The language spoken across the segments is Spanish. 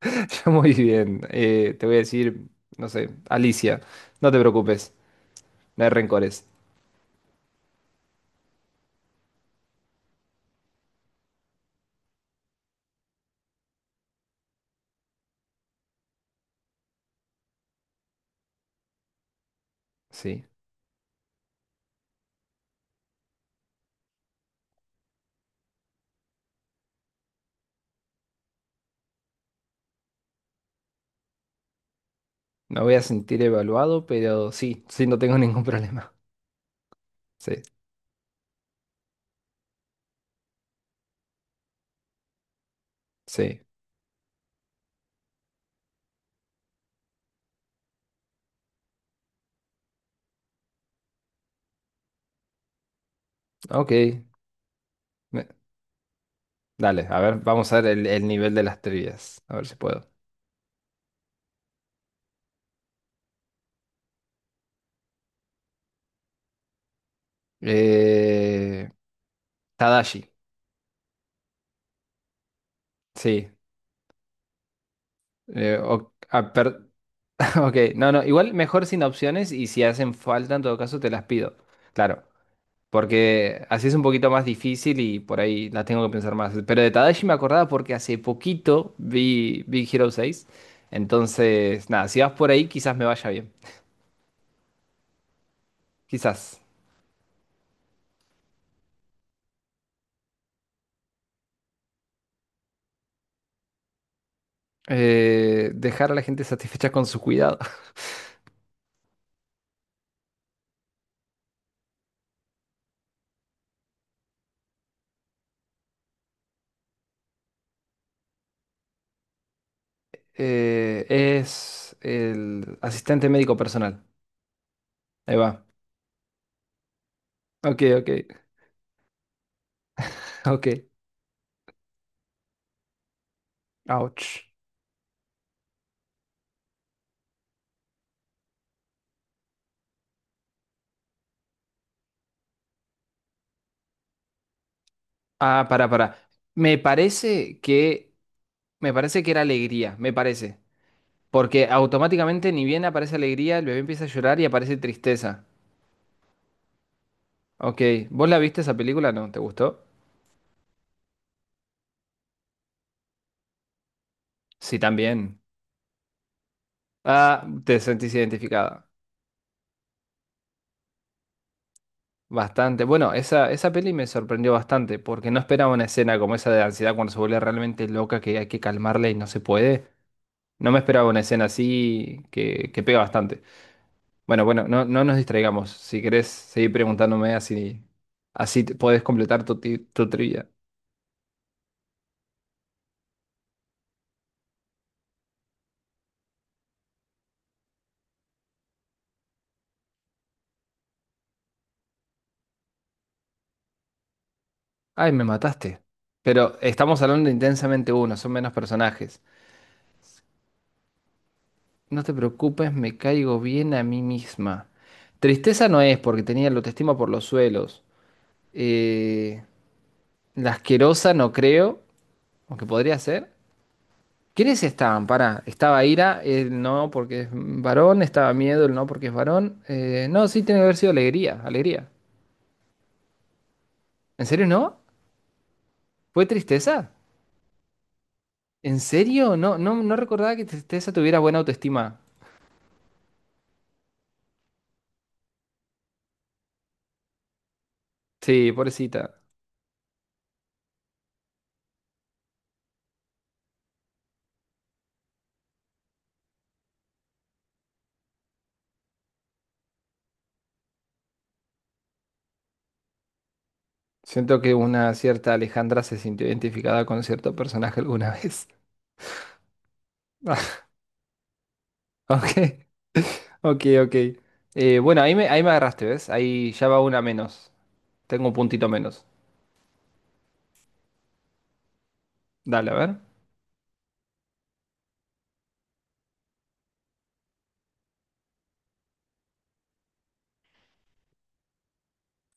Muy bien. Te voy a decir, no sé, Alicia, no te preocupes, no hay rencores. Sí, no voy a sentir evaluado, pero sí, sí, no tengo ningún problema. Sí, sí. Ok. Me- Dale, a ver, vamos a ver el nivel de las trivias. A ver si puedo. Eh, Tadashi, sí. Eh, o- ah, per- ok, igual mejor sin opciones y si hacen falta, en todo caso, te las pido. Claro. Porque así es un poquito más difícil y por ahí la tengo que pensar más. Pero de Tadashi me acordaba porque hace poquito vi Big Hero 6. Entonces, nada, si vas por ahí, quizás me vaya bien. Quizás. Dejar a la gente satisfecha con su cuidado. Es el asistente médico personal. Ahí va. Ok, ok, ok. Ouch. Ah, para, para. Me parece que. Me parece que era alegría. Me parece. Porque automáticamente ni bien aparece alegría, el bebé empieza a llorar y aparece tristeza. Ok, ¿vos la viste esa película? ¿No? ¿Te gustó? Sí, también. Ah, te sentís identificada. Bastante. Bueno, esa peli me sorprendió bastante porque no esperaba una escena como esa de ansiedad cuando se vuelve realmente loca que hay que calmarla y no se puede. No me esperaba una escena así que pega bastante. Bueno, bueno, no, no nos distraigamos. Si querés seguir preguntándome así, podés completar tu trivia. Ay, me mataste. Pero estamos hablando de intensamente uno, son menos personajes. No te preocupes, me caigo bien a mí misma. Tristeza no es porque tenía la autoestima por los suelos. Eh, la asquerosa no creo, aunque podría ser. ¿Quiénes estaban? Pará, estaba ira, el no porque es varón, estaba miedo, el no porque es varón. No, sí, tiene que haber sido alegría, alegría. ¿En serio no? ¿Fue tristeza? ¿En serio? No, no, no recordaba que tristeza tuviera buena autoestima. Sí, pobrecita. Siento que una cierta Alejandra se sintió identificada con cierto personaje alguna vez. Ok, ok, ok. Bueno, ahí me agarraste, ¿ves? Ahí ya va una menos. Tengo un puntito menos. Dale, a ver.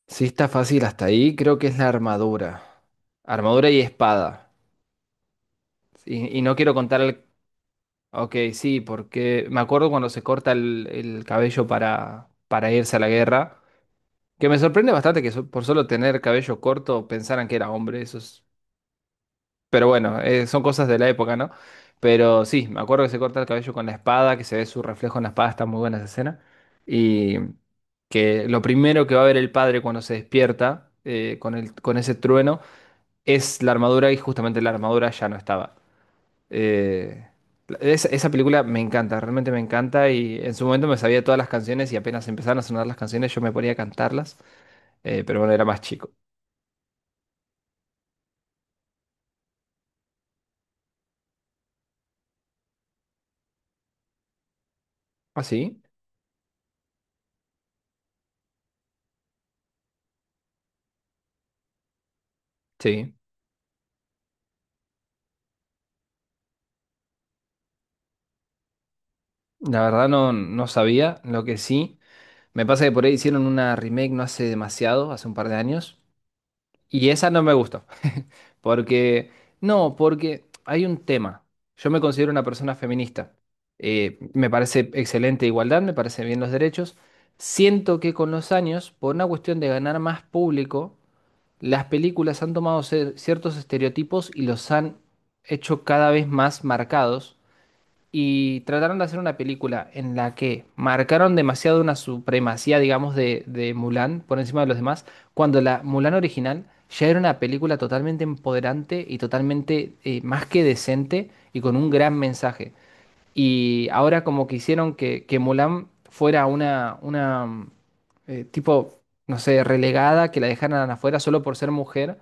Si está fácil hasta ahí, creo que es la armadura. Armadura y espada. Y no quiero contar el... Ok, sí, porque me acuerdo cuando se corta el cabello para irse a la guerra. Que me sorprende bastante que por solo tener cabello corto pensaran que era hombre. Eso es. Pero bueno, son cosas de la época, ¿no? Pero sí, me acuerdo que se corta el cabello con la espada, que se ve su reflejo en la espada, está muy buena esa escena. Y que lo primero que va a ver el padre cuando se despierta con el, con ese trueno es la armadura y justamente la armadura ya no estaba. Eh, esa, esa película me encanta, realmente me encanta y en su momento me sabía todas las canciones y apenas empezaron a sonar las canciones yo me ponía a cantarlas, pero bueno, era más chico. ¿Ah, sí? Sí. La verdad no, no sabía. Lo que sí. Me pasa que por ahí hicieron una remake no hace demasiado, hace un par de años, y esa no me gustó, porque, no, porque hay un tema. Yo me considero una persona feminista. Me parece excelente igualdad, me parece bien los derechos. Siento que con los años, por una cuestión de ganar más público, las películas han tomado ciertos estereotipos y los han hecho cada vez más marcados y trataron de hacer una película en la que marcaron demasiado una supremacía, digamos, de Mulan por encima de los demás, cuando la Mulan original ya era una película totalmente empoderante y totalmente más que decente y con un gran mensaje. Y ahora como que hicieron que Mulan fuera una, una tipo, no sé, relegada, que la dejaran afuera solo por ser mujer,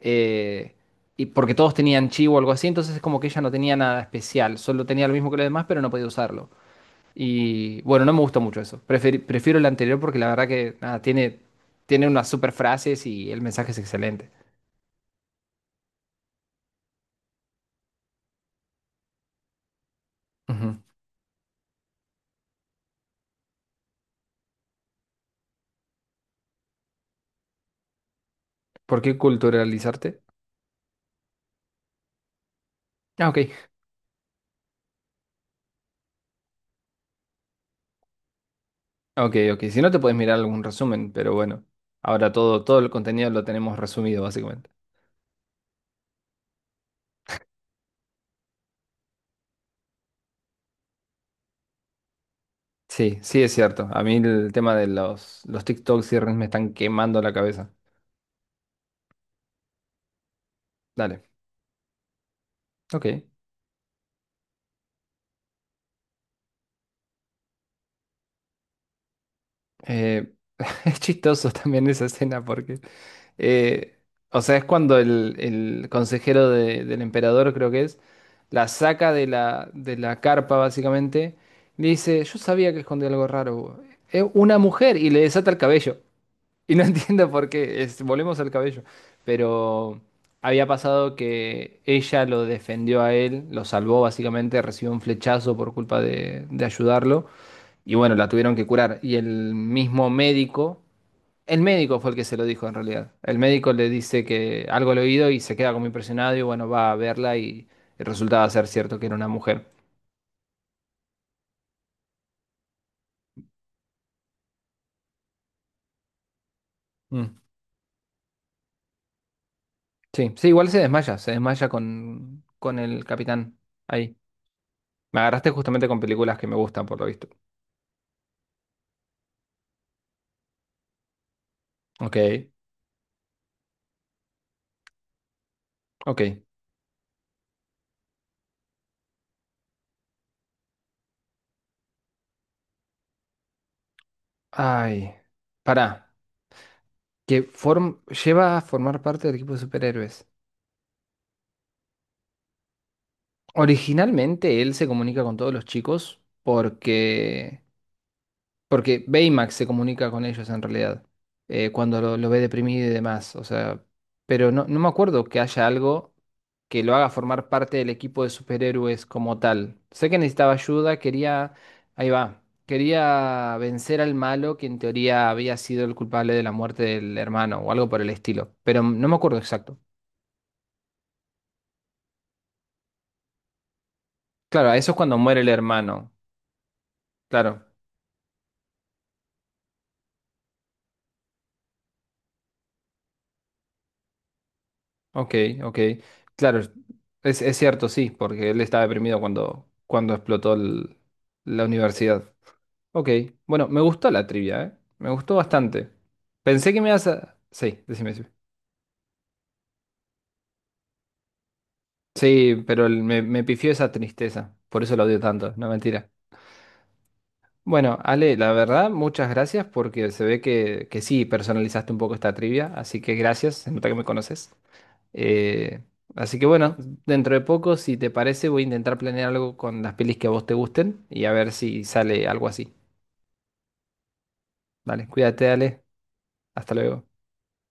eh, y porque todos tenían chi o algo así, entonces es como que ella no tenía nada especial, solo tenía lo mismo que los demás, pero no podía usarlo. Y bueno, no me gusta mucho eso. Prefiero el anterior porque la verdad que nada, tiene, tiene unas super frases y el mensaje es excelente. Ujú. ¿Por qué culturalizarte? Ah, ok. Ok, ok. Si no, te puedes mirar algún resumen, pero bueno. Ahora todo, todo el contenido lo tenemos resumido, básicamente. Sí, sí es cierto. A mí el tema de los TikToks y Reels me están quemando la cabeza. Dale. Ok. Eh, es chistoso también esa escena porque... eh, o sea, es cuando el consejero del emperador, creo que es, la saca de la carpa, básicamente. Y le dice, yo sabía que escondía algo raro. Es una mujer y le desata el cabello. Y no entiendo por qué, volvemos al cabello, pero había pasado que ella lo defendió a él, lo salvó básicamente, recibió un flechazo por culpa de ayudarlo y bueno, la tuvieron que curar. Y el mismo médico, el médico fue el que se lo dijo en realidad, el médico le dice que algo al oído y se queda como impresionado y bueno, va a verla y resultaba ser cierto que era una mujer. Mm, sí, sí, igual se desmaya con el capitán ahí. Me agarraste justamente con películas que me gustan, por lo visto. Ok, ok. Ay, pará. Que form lleva a formar parte del equipo de superhéroes. Originalmente él se comunica con todos los chicos porque. Porque Baymax se comunica con ellos en realidad, cuando lo ve deprimido y demás, o sea, pero no, no me acuerdo que haya algo que lo haga formar parte del equipo de superhéroes como tal. Sé que necesitaba ayuda, quería, ahí va, quería vencer al malo que en teoría había sido el culpable de la muerte del hermano o algo por el estilo, pero no me acuerdo exacto. Claro, eso es cuando muere el hermano, claro. Ok, ok. Claro, es, es cierto, sí, porque él estaba deprimido cuando, cuando explotó la universidad. Ok, bueno, me gustó la trivia, ¿eh? Me gustó bastante. Pensé que me ibas a... Sí, decime, decime. Sí, pero me pifió esa tristeza, por eso lo odio tanto, no mentira. Bueno, Ale, la verdad, muchas gracias porque se ve que sí personalizaste un poco esta trivia, así que gracias, se nota que me conoces. Eh, así que bueno, dentro de poco, si te parece, voy a intentar planear algo con las pelis que a vos te gusten y a ver si sale algo así. Vale, cuídate, dale. Hasta luego.